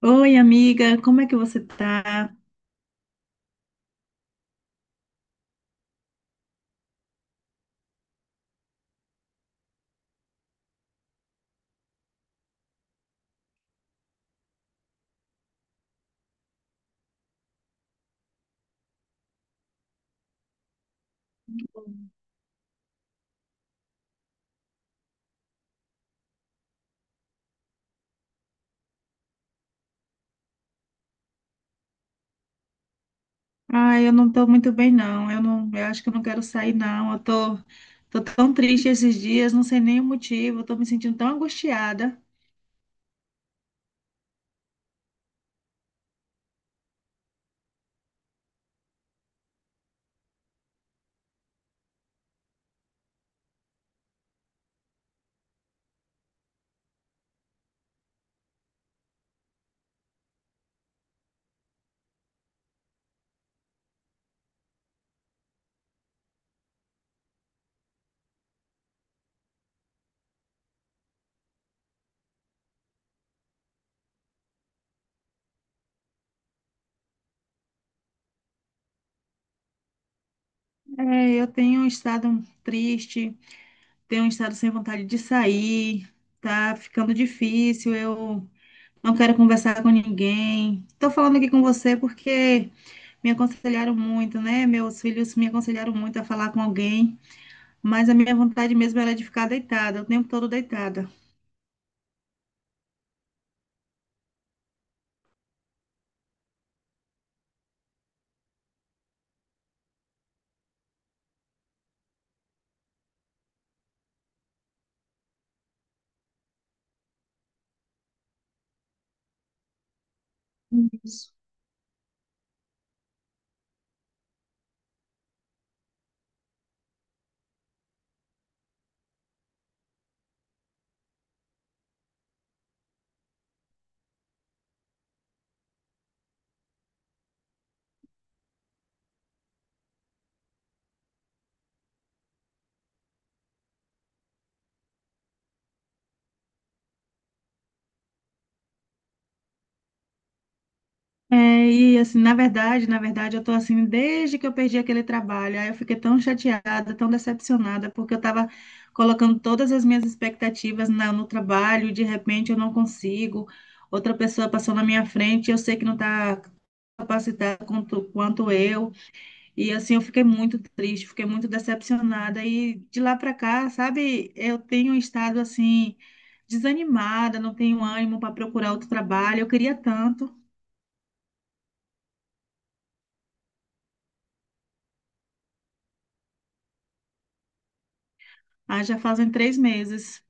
Oi, amiga, como é que você tá? Ah, eu não tô muito bem, não. Eu acho que eu não quero sair, não. Eu tô tão triste esses dias, não sei nem o motivo. Eu tô me sentindo tão angustiada. É, eu tenho um estado triste, tenho um estado sem vontade de sair. Tá ficando difícil. Eu não quero conversar com ninguém. Tô falando aqui com você porque me aconselharam muito, né? Meus filhos me aconselharam muito a falar com alguém. Mas a minha vontade mesmo era de ficar deitada, o tempo todo deitada. Isso. É, e assim, na verdade, eu tô assim desde que eu perdi aquele trabalho. Aí eu fiquei tão chateada, tão decepcionada, porque eu tava colocando todas as minhas expectativas no trabalho, e de repente eu não consigo. Outra pessoa passou na minha frente, eu sei que não tá capacitada quanto eu. E assim, eu fiquei muito triste, fiquei muito decepcionada. E de lá para cá, sabe, eu tenho estado assim, desanimada, não tenho ânimo para procurar outro trabalho. Eu queria tanto. Ah, já fazem três meses.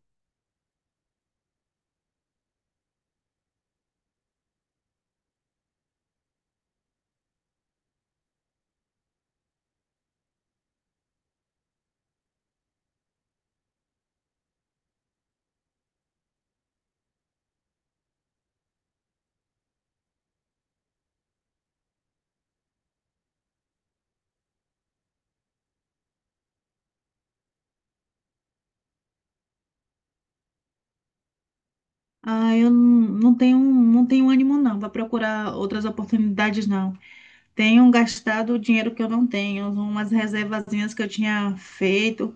Ah, eu não tenho ânimo não para procurar outras oportunidades, não. Tenho gastado o dinheiro que eu não tenho, umas reservazinhas que eu tinha feito,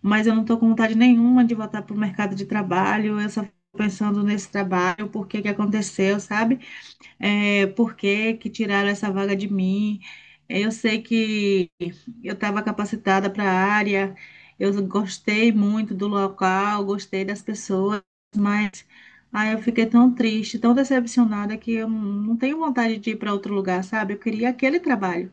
mas eu não estou com vontade nenhuma de voltar para o mercado de trabalho. Eu só fico pensando nesse trabalho, por que que aconteceu, sabe? É, por que que tiraram essa vaga de mim? É, eu sei que eu estava capacitada para a área, eu gostei muito do local, gostei das pessoas, mas aí eu fiquei tão triste, tão decepcionada que eu não tenho vontade de ir para outro lugar, sabe? Eu queria aquele trabalho.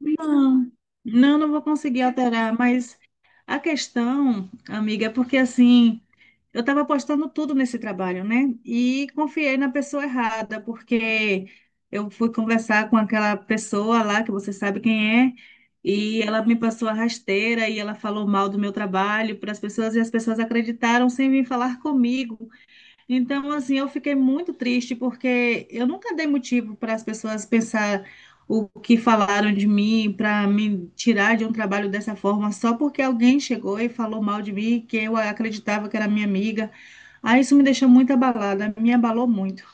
Não, não, não vou conseguir alterar, mas a questão, amiga, é porque assim. Eu estava apostando tudo nesse trabalho, né? E confiei na pessoa errada, porque eu fui conversar com aquela pessoa lá, que você sabe quem é, e ela me passou a rasteira e ela falou mal do meu trabalho para as pessoas, e as pessoas acreditaram sem vir falar comigo. Então, assim, eu fiquei muito triste porque eu nunca dei motivo para as pessoas pensar o que falaram de mim, para me tirar de um trabalho dessa forma, só porque alguém chegou e falou mal de mim, que eu acreditava que era minha amiga. Aí isso me deixou muito abalada, me abalou muito.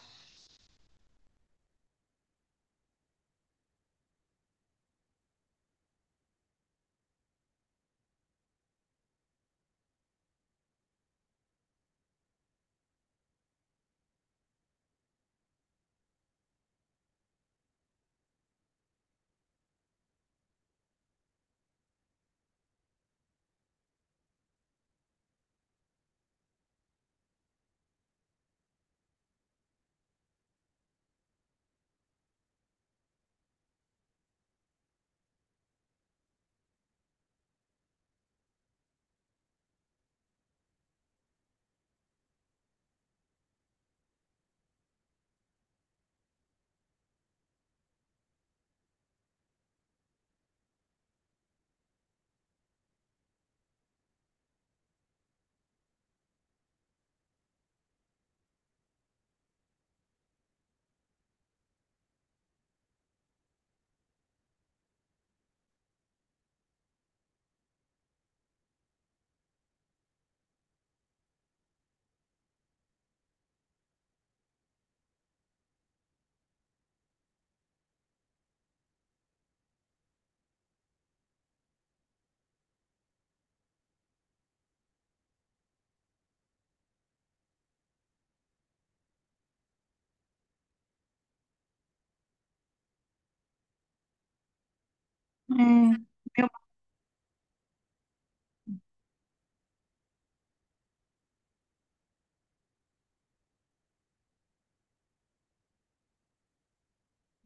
É,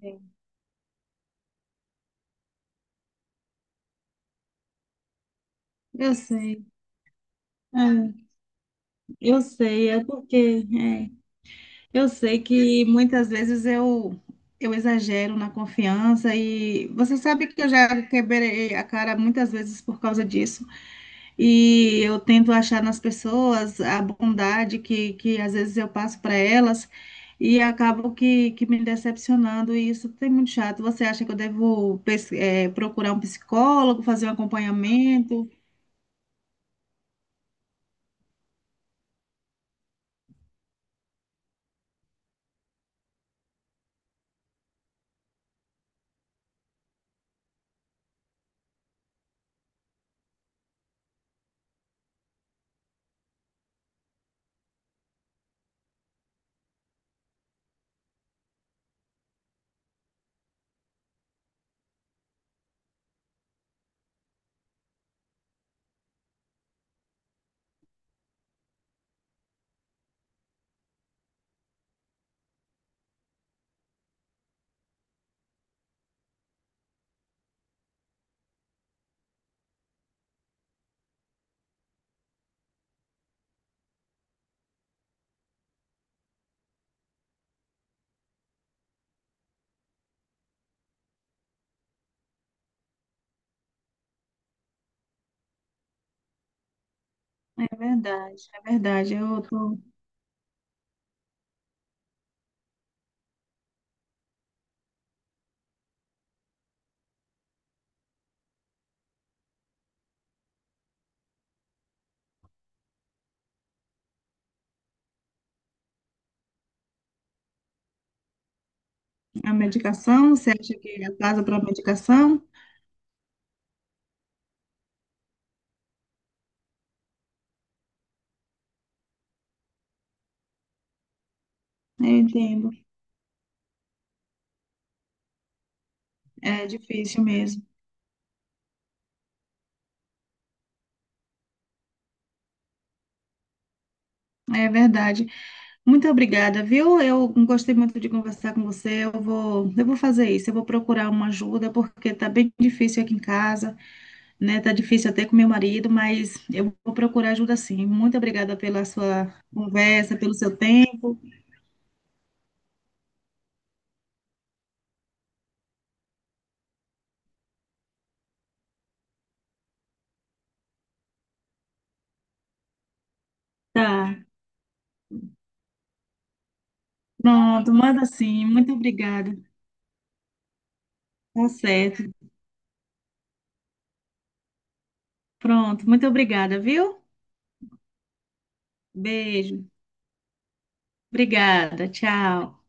eu, eu sei, é, eu sei, é porque é. Eu sei que muitas vezes eu exagero na confiança e você sabe que eu já quebrei a cara muitas vezes por causa disso. E eu tento achar nas pessoas a bondade que às vezes eu passo para elas e acabo que me decepcionando e isso tem muito chato. Você acha que eu devo, procurar um psicólogo, fazer um acompanhamento? É verdade, é verdade. Eu tô A medicação, você acha que é a casa para medicação? Eu entendo. É difícil mesmo, é verdade. Muito obrigada, viu? Eu gostei muito de conversar com você. Eu vou fazer isso. Eu vou procurar uma ajuda porque tá bem difícil aqui em casa, né? Tá difícil até com meu marido, mas eu vou procurar ajuda sim. Muito obrigada pela sua conversa, pelo seu tempo. Tá. Pronto, manda sim. Muito obrigada. Tá certo. Pronto, muito obrigada, viu? Beijo. Obrigada. Tchau.